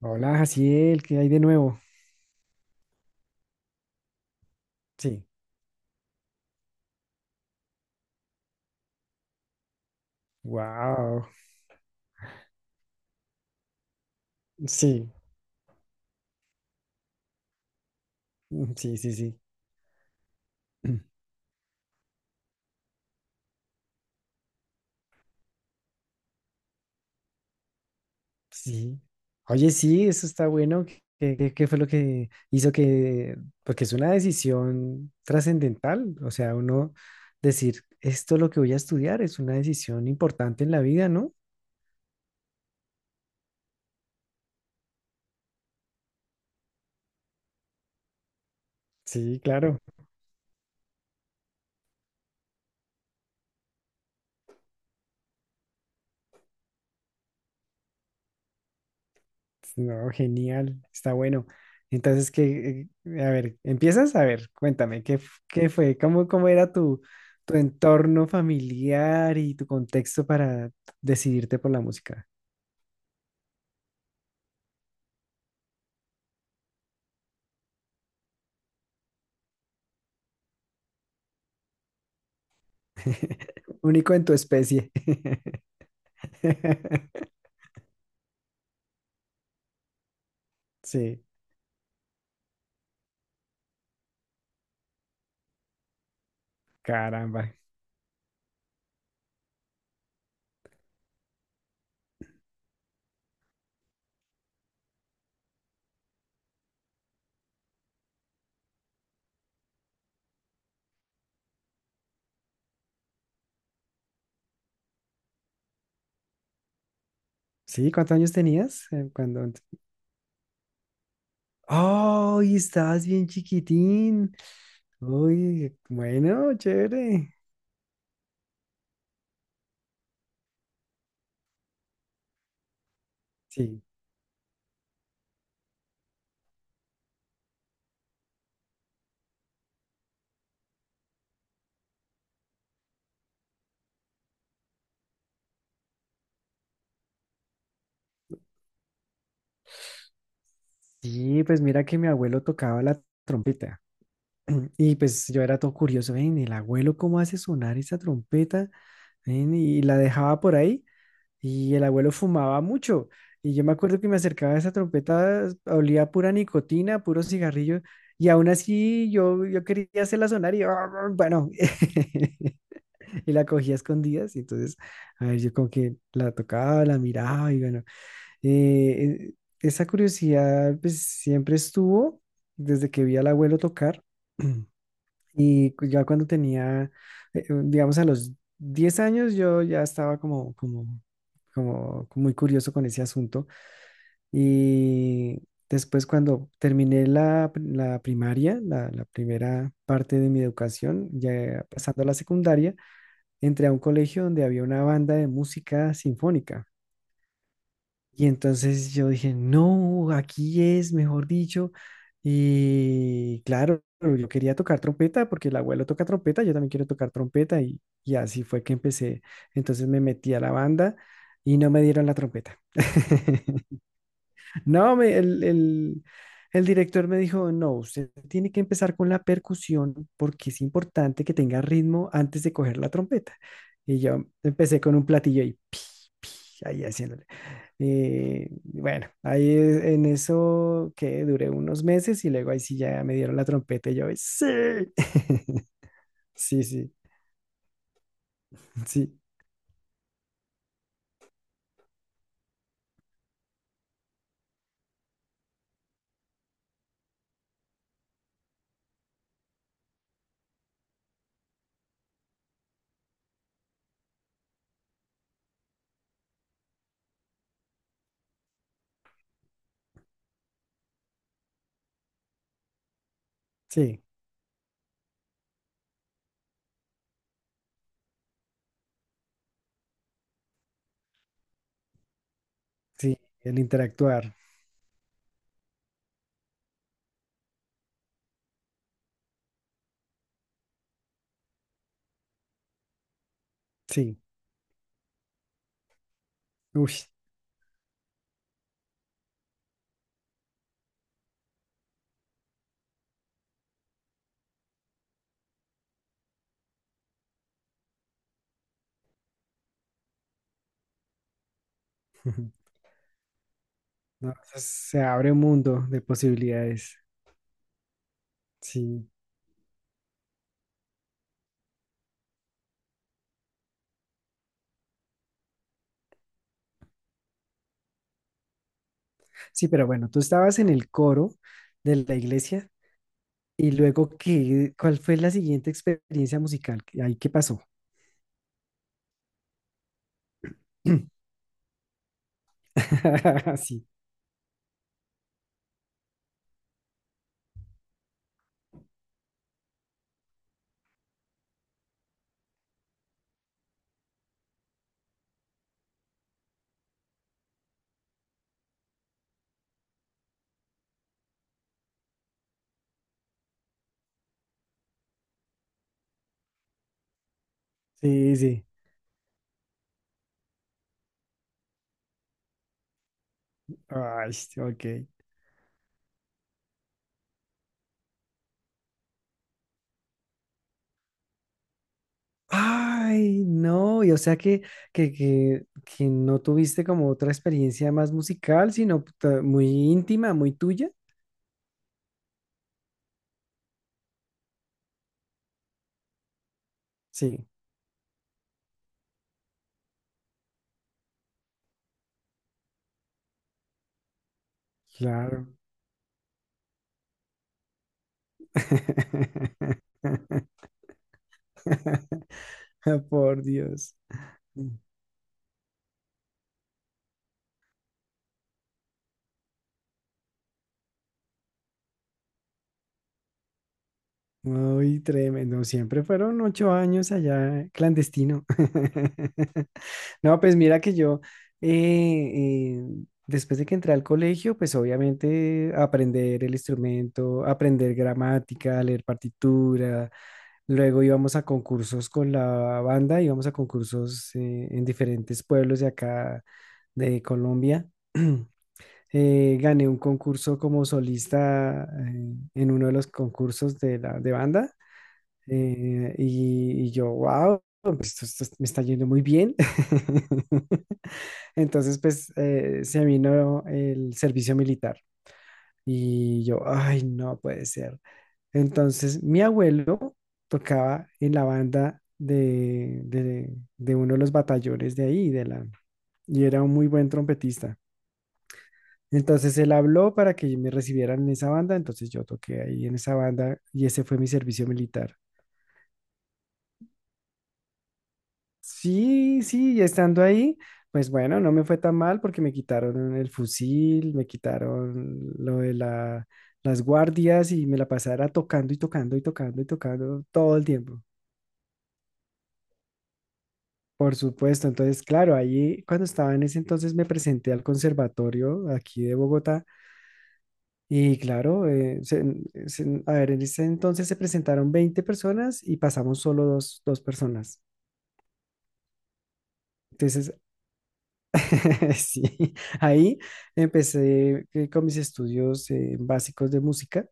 Hola, Jaciel, ¿qué hay de nuevo? Sí. Wow. Sí, sí, sí, sí. Sí. Oye, sí, eso está bueno. ¿Qué, qué fue lo que hizo que, porque es una decisión trascendental, o sea, uno decir, esto es lo que voy a estudiar, es una decisión importante en la vida, ¿no? Sí, claro. No, genial, está bueno. Entonces, ¿qué, a ver, empiezas? A ver, cuéntame, ¿qué, qué fue? ¿Cómo, cómo era tu, tu entorno familiar y tu contexto para decidirte por la música? Único en tu especie. Sí, caramba. Sí, ¿cuántos años tenías cuando? ¡Ay, estabas bien chiquitín! Uy, bueno, chévere. Sí, sí, pues mira que mi abuelo tocaba la trompeta. Y pues yo era todo curioso, ven, el abuelo cómo hace sonar esa trompeta, ven, y la dejaba por ahí, y el abuelo fumaba mucho, y yo me acuerdo que me acercaba a esa trompeta, olía a pura nicotina, puro cigarrillo, y aún así yo quería hacerla sonar, y bueno, y la cogía a escondidas, y entonces, a ver, yo como que la tocaba, la miraba, y bueno, eh, eh, esa curiosidad pues siempre estuvo desde que vi al abuelo tocar. Y ya cuando tenía, digamos, a los 10 años, yo ya estaba como muy curioso con ese asunto. Y después cuando terminé la primaria, la primera parte de mi educación, ya pasando a la secundaria, entré a un colegio donde había una banda de música sinfónica. Y entonces yo dije, no, aquí es, mejor dicho. Y claro, yo quería tocar trompeta porque el abuelo toca trompeta, yo también quiero tocar trompeta y así fue que empecé. Entonces me metí a la banda y no me dieron la trompeta. No, el director me dijo, no, usted tiene que empezar con la percusión porque es importante que tenga ritmo antes de coger la trompeta. Y yo empecé con un platillo y pi, pi, ahí haciéndole. Bueno, ahí en eso que duré unos meses y luego ahí sí ya me dieron la trompeta y yo, sí, sí, sí, sí, sí, sí, el interactuar, sí, uy, no, eso se abre un mundo de posibilidades. Sí, sí, pero bueno, tú estabas en el coro de la iglesia y luego, ¿qué, cuál fue la siguiente experiencia musical? ¿Ahí qué pasó? Sí, sí, sí. Ay, sí, ok. Ay, no, y o sea que, que no tuviste como otra experiencia más musical, sino muy íntima, muy tuya. Sí, claro. Por Dios. Uy, tremendo. Siempre fueron 8 años allá clandestino. No, pues mira que yo, eh, eh, después de que entré al colegio, pues obviamente aprender el instrumento, aprender gramática, leer partitura. Luego íbamos a concursos con la banda, íbamos a concursos en diferentes pueblos de acá de Colombia. Gané un concurso como solista en uno de los concursos de la de banda. Y, y yo, wow, esto me está yendo muy bien. Entonces, pues se vino el servicio militar y yo, ay, no puede ser. Entonces, mi abuelo tocaba en la banda de uno de los batallones de ahí, de la, y era un muy buen trompetista. Entonces él habló para que me recibieran en esa banda, entonces yo toqué ahí en esa banda y ese fue mi servicio militar. Sí, sí, y estando ahí, pues bueno, no me fue tan mal porque me quitaron el fusil, me quitaron lo de las guardias y me la pasara tocando y tocando y tocando y tocando todo el tiempo. Por supuesto, entonces, claro, ahí cuando estaba en ese entonces me presenté al conservatorio aquí de Bogotá y claro, a ver, en ese entonces se presentaron 20 personas y pasamos solo dos, dos personas. Entonces, sí, ahí empecé con mis estudios básicos de música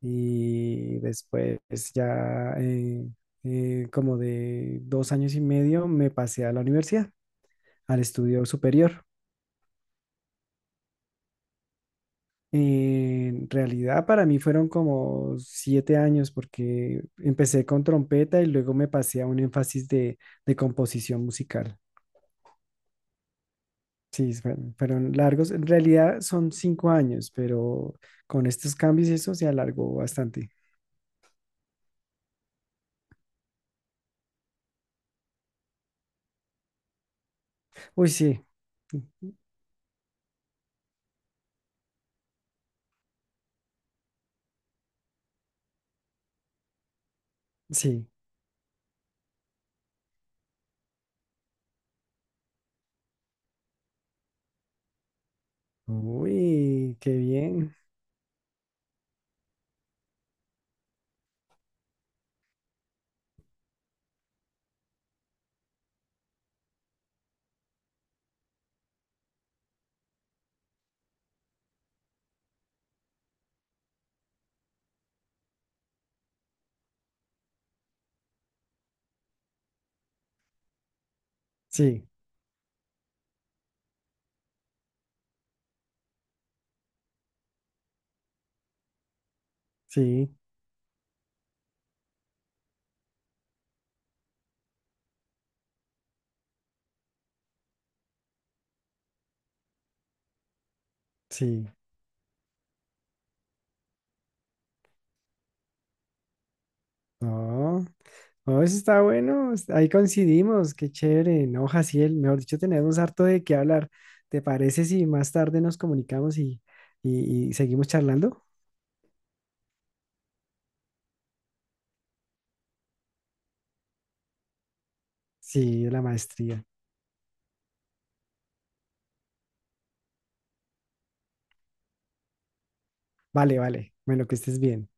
y después ya como de 2 años y medio me pasé a la universidad, al estudio superior. En realidad para mí fueron como 7 años porque empecé con trompeta y luego me pasé a un énfasis de composición musical. Sí, fueron largos. En realidad son 5 años, pero con estos cambios y eso se alargó bastante. Uy, sí, sí. Uy, qué bien. Sí, sí, sí. No, no, eso está bueno. Ahí coincidimos. Qué chévere. No, Jaciel, mejor dicho, tenemos harto de qué hablar. ¿Te parece si más tarde nos comunicamos y seguimos charlando? Sí, de la maestría. Vale, vale. Bueno, que estés bien.